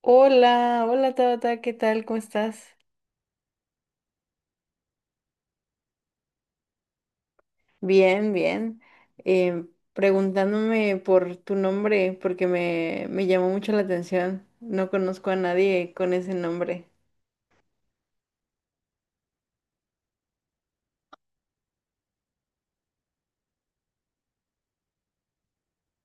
Hola, hola Tabata, ¿qué tal? ¿Cómo estás? Bien, bien. Eh, preguntándome por tu nombre porque me llamó mucho la atención. No conozco a nadie con ese nombre.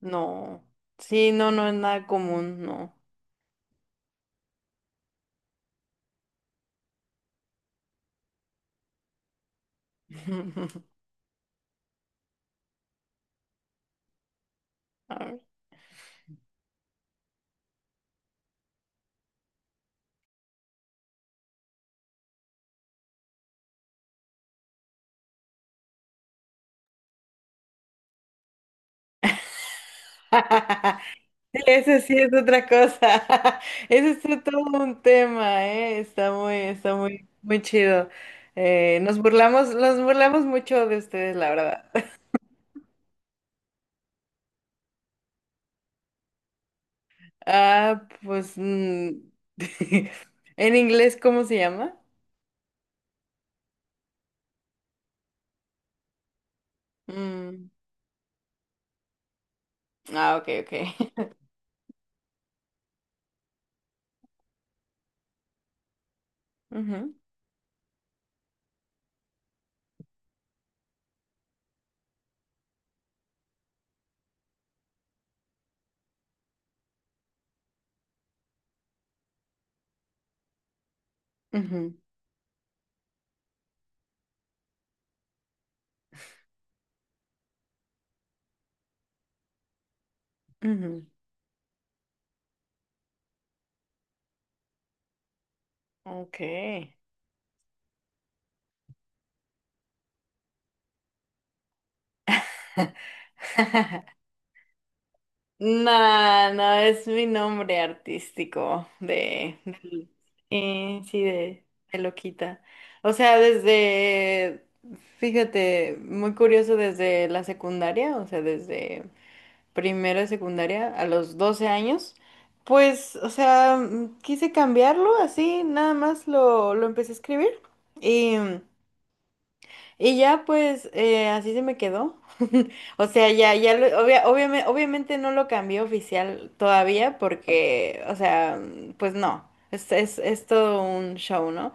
No. Sí, no, no es nada común, no. A ver. Sí, ese sí es otra cosa. Ese es todo un tema, ¿eh? Está muy, muy chido. Nos burlamos mucho de ustedes, la verdad. Ah, pues en inglés, ¿cómo se llama? Mm, ah, ok, ok. Ujú, ujú, ujú. Okay. No, no, es mi nombre artístico eh, sí, de, de loquita. O sea, desde, fíjate, muy curioso desde la secundaria, o sea, desde primero de secundaria a los 12 años, pues, o sea, quise cambiarlo así, nada más lo empecé a escribir y, y ya pues así se me quedó. O sea, obviamente, no lo cambié oficial todavía porque, o sea, pues no, es todo un show, ¿no?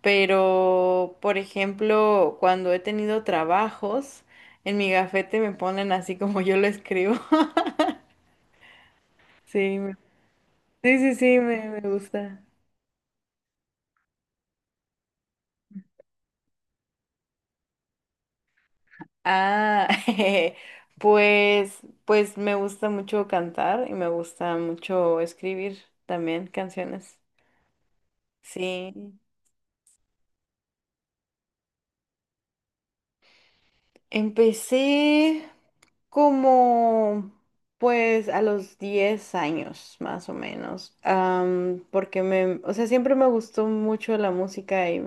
Pero, por ejemplo, cuando he tenido trabajos, en mi gafete me ponen así como yo lo escribo. Sí, sí, sí, sí, me gusta. Ah, pues, pues me gusta mucho cantar y me gusta mucho escribir también canciones. Sí. Empecé. Como pues a los 10 años más o menos, porque o sea, siempre me gustó mucho la música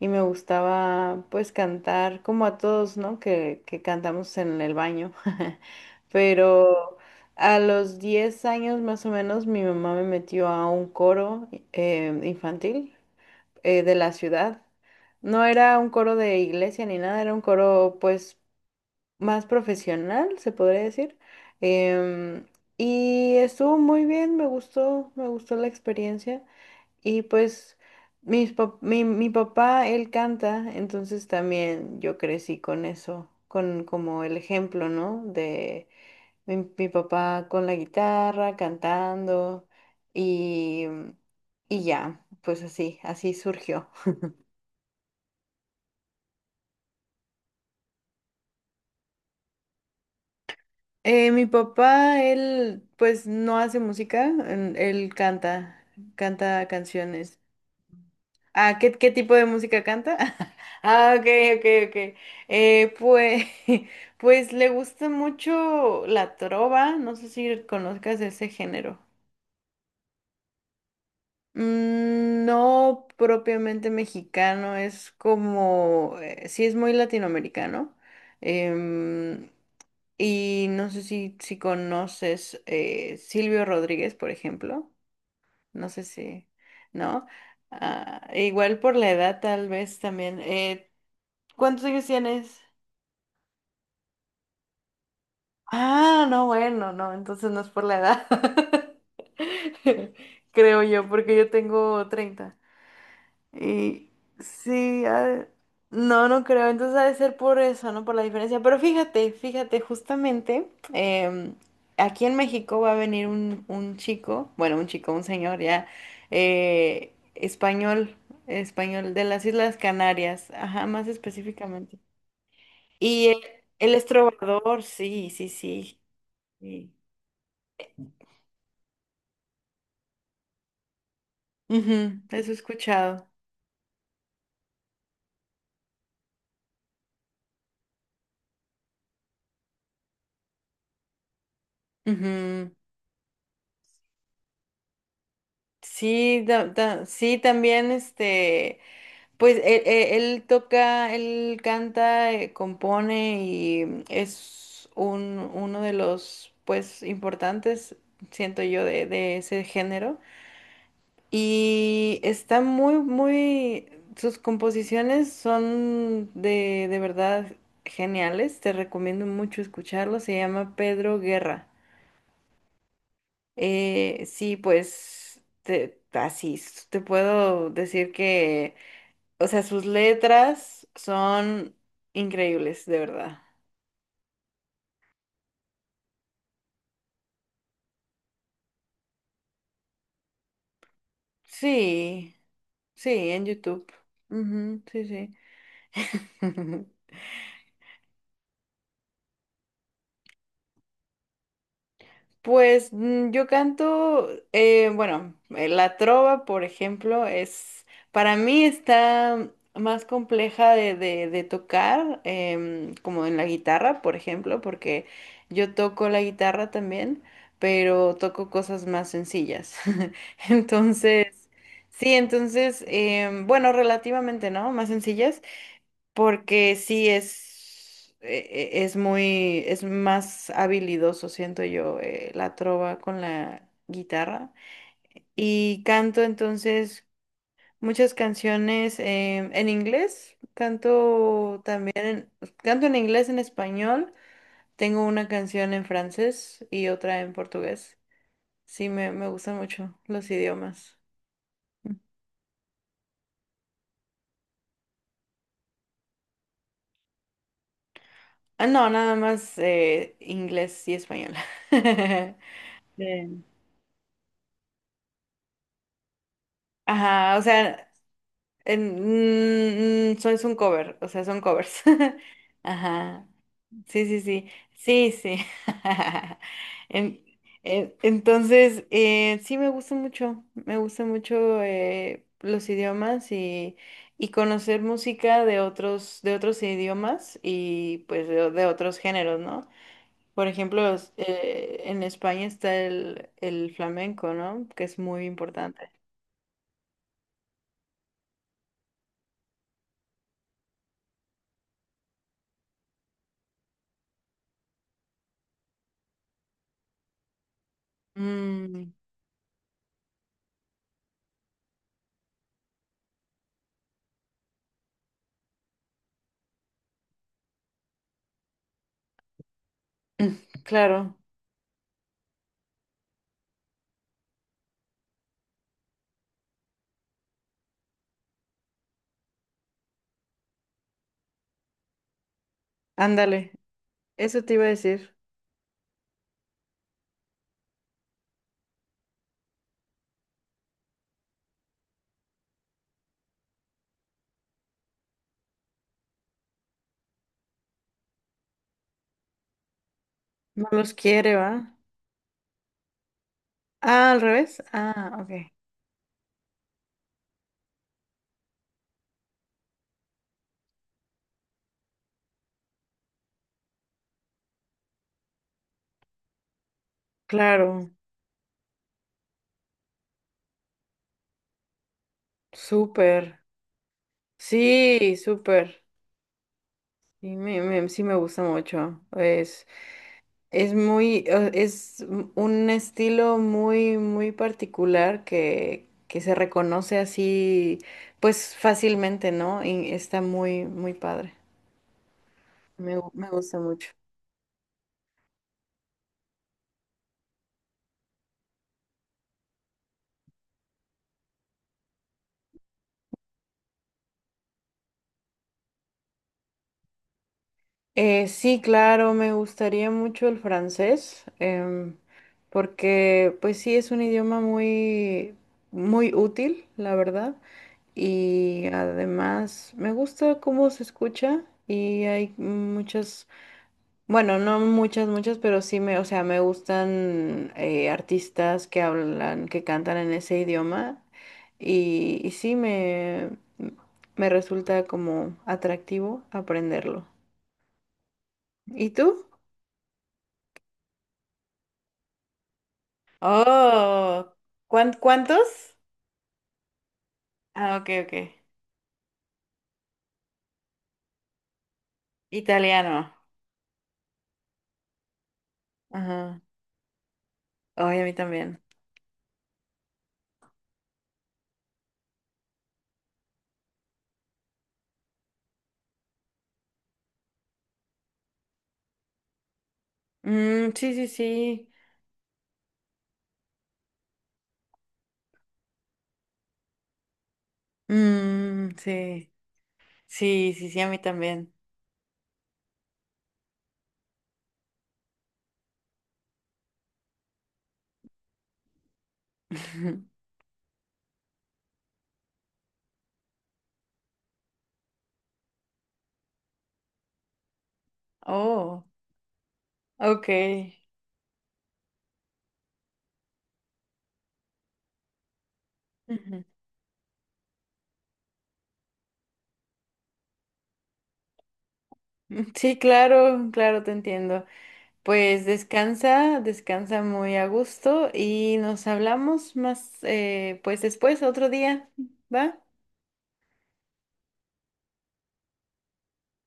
y me gustaba pues cantar como a todos, ¿no? Que cantamos en el baño, pero a los 10 años más o menos mi mamá me metió a un coro infantil de la ciudad. No era un coro de iglesia ni nada, era un coro pues más profesional, se podría decir. Em, y estuvo muy bien, me gustó la experiencia. Y pues mi papá, él canta, entonces también yo crecí con eso, con como el ejemplo, ¿no? De mi papá con la guitarra, cantando y, y ya, pues así, así surgió. Mi papá, él pues no hace música, él canta, canta canciones. Ah, qué tipo de música canta? Ah, ok, ok, ok. Pues, pues le gusta mucho la trova, no sé si conozcas ese género. Mm, no propiamente mexicano, es como, sí es muy latinoamericano. Em, Y no sé si conoces Silvio Rodríguez, por ejemplo. No sé si, ¿no? Ah, e igual por la edad, tal vez también. ¿Cuántos años tienes? Ah, no, bueno, no, entonces no es por la edad. Creo yo, porque yo tengo 30 y sí, ah, no, no creo. Entonces ha de ser por eso, ¿no? Por la diferencia. Pero fíjate, fíjate, justamente aquí en México va a venir un chico, bueno, un chico, un señor ya, español, español de las Islas Canarias, ajá, más específicamente. Y él es trovador, sí, sí, sí. Sí. Ujú, eso he escuchado. Ujú. Sí, también este. Pues él, él toca, él canta, compone y es un, uno de los pues importantes, siento yo, de ese género. Y está muy, muy, sus composiciones son de verdad geniales. Te recomiendo mucho escucharlo. Se llama Pedro Guerra. Sí, pues te puedo decir que o sea, sus letras son increíbles, de verdad. Sí, sí, en YouTube. Ujú, sí, sí. Pues yo canto, bueno, la trova, por ejemplo, es, para mí está más compleja de tocar, como en la guitarra, por ejemplo, porque yo toco la guitarra también, pero toco cosas más sencillas. Entonces... Sí, entonces, bueno, relativamente, ¿no? Más sencillas, porque sí es muy, es más habilidoso, siento yo, la trova con la guitarra. Y canto entonces muchas canciones en inglés, canto también, canto en inglés, en español, tengo una canción en francés y otra en portugués. Sí, me gustan mucho los idiomas. Ah, no, nada más inglés y español. Bien. Ajá, o sea, en, mm, mm, so- es un cover, o sea, son covers. Ajá, sí, sí, sí, sí, sí. En- entonces, sí me gusta mucho los idiomas y conocer música de otros idiomas y pues de otros géneros, ¿no? Por ejemplo, en España está el flamenco, ¿no? Que es muy importante. Mm, claro, ándale, eso te iba a decir. No los quiere, ¿va? Ah, al revés. Ah, ok. Claro, súper. Sí, súper. Sí sí me gusta mucho. Es muy, es un estilo muy, muy particular que se reconoce así, pues fácilmente, ¿no? Y está muy, muy padre. Me gusta mucho. Sí, claro, me gustaría mucho el francés, porque pues sí, es un idioma muy, muy útil, la verdad. Y además me gusta cómo se escucha y hay muchas, bueno, no muchas, muchas, pero sí me, o sea, me gustan artistas que hablan, que cantan en ese idioma y sí me resulta como atractivo aprenderlo. ¿Y tú? Oh, ¿cuántos? Ah, ok, ok. Italiano. Ajá. Ay, a mí también. Mm, sí, sí, sí. Mm, sí. Sí, sí, sí, a mí también. Oh, ok. Sí, claro, claro, te entiendo. Pues descansa, descansa muy a gusto y nos hablamos más, pues después, otro día, ¿va?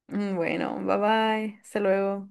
Mm, bueno, bye bye, hasta luego.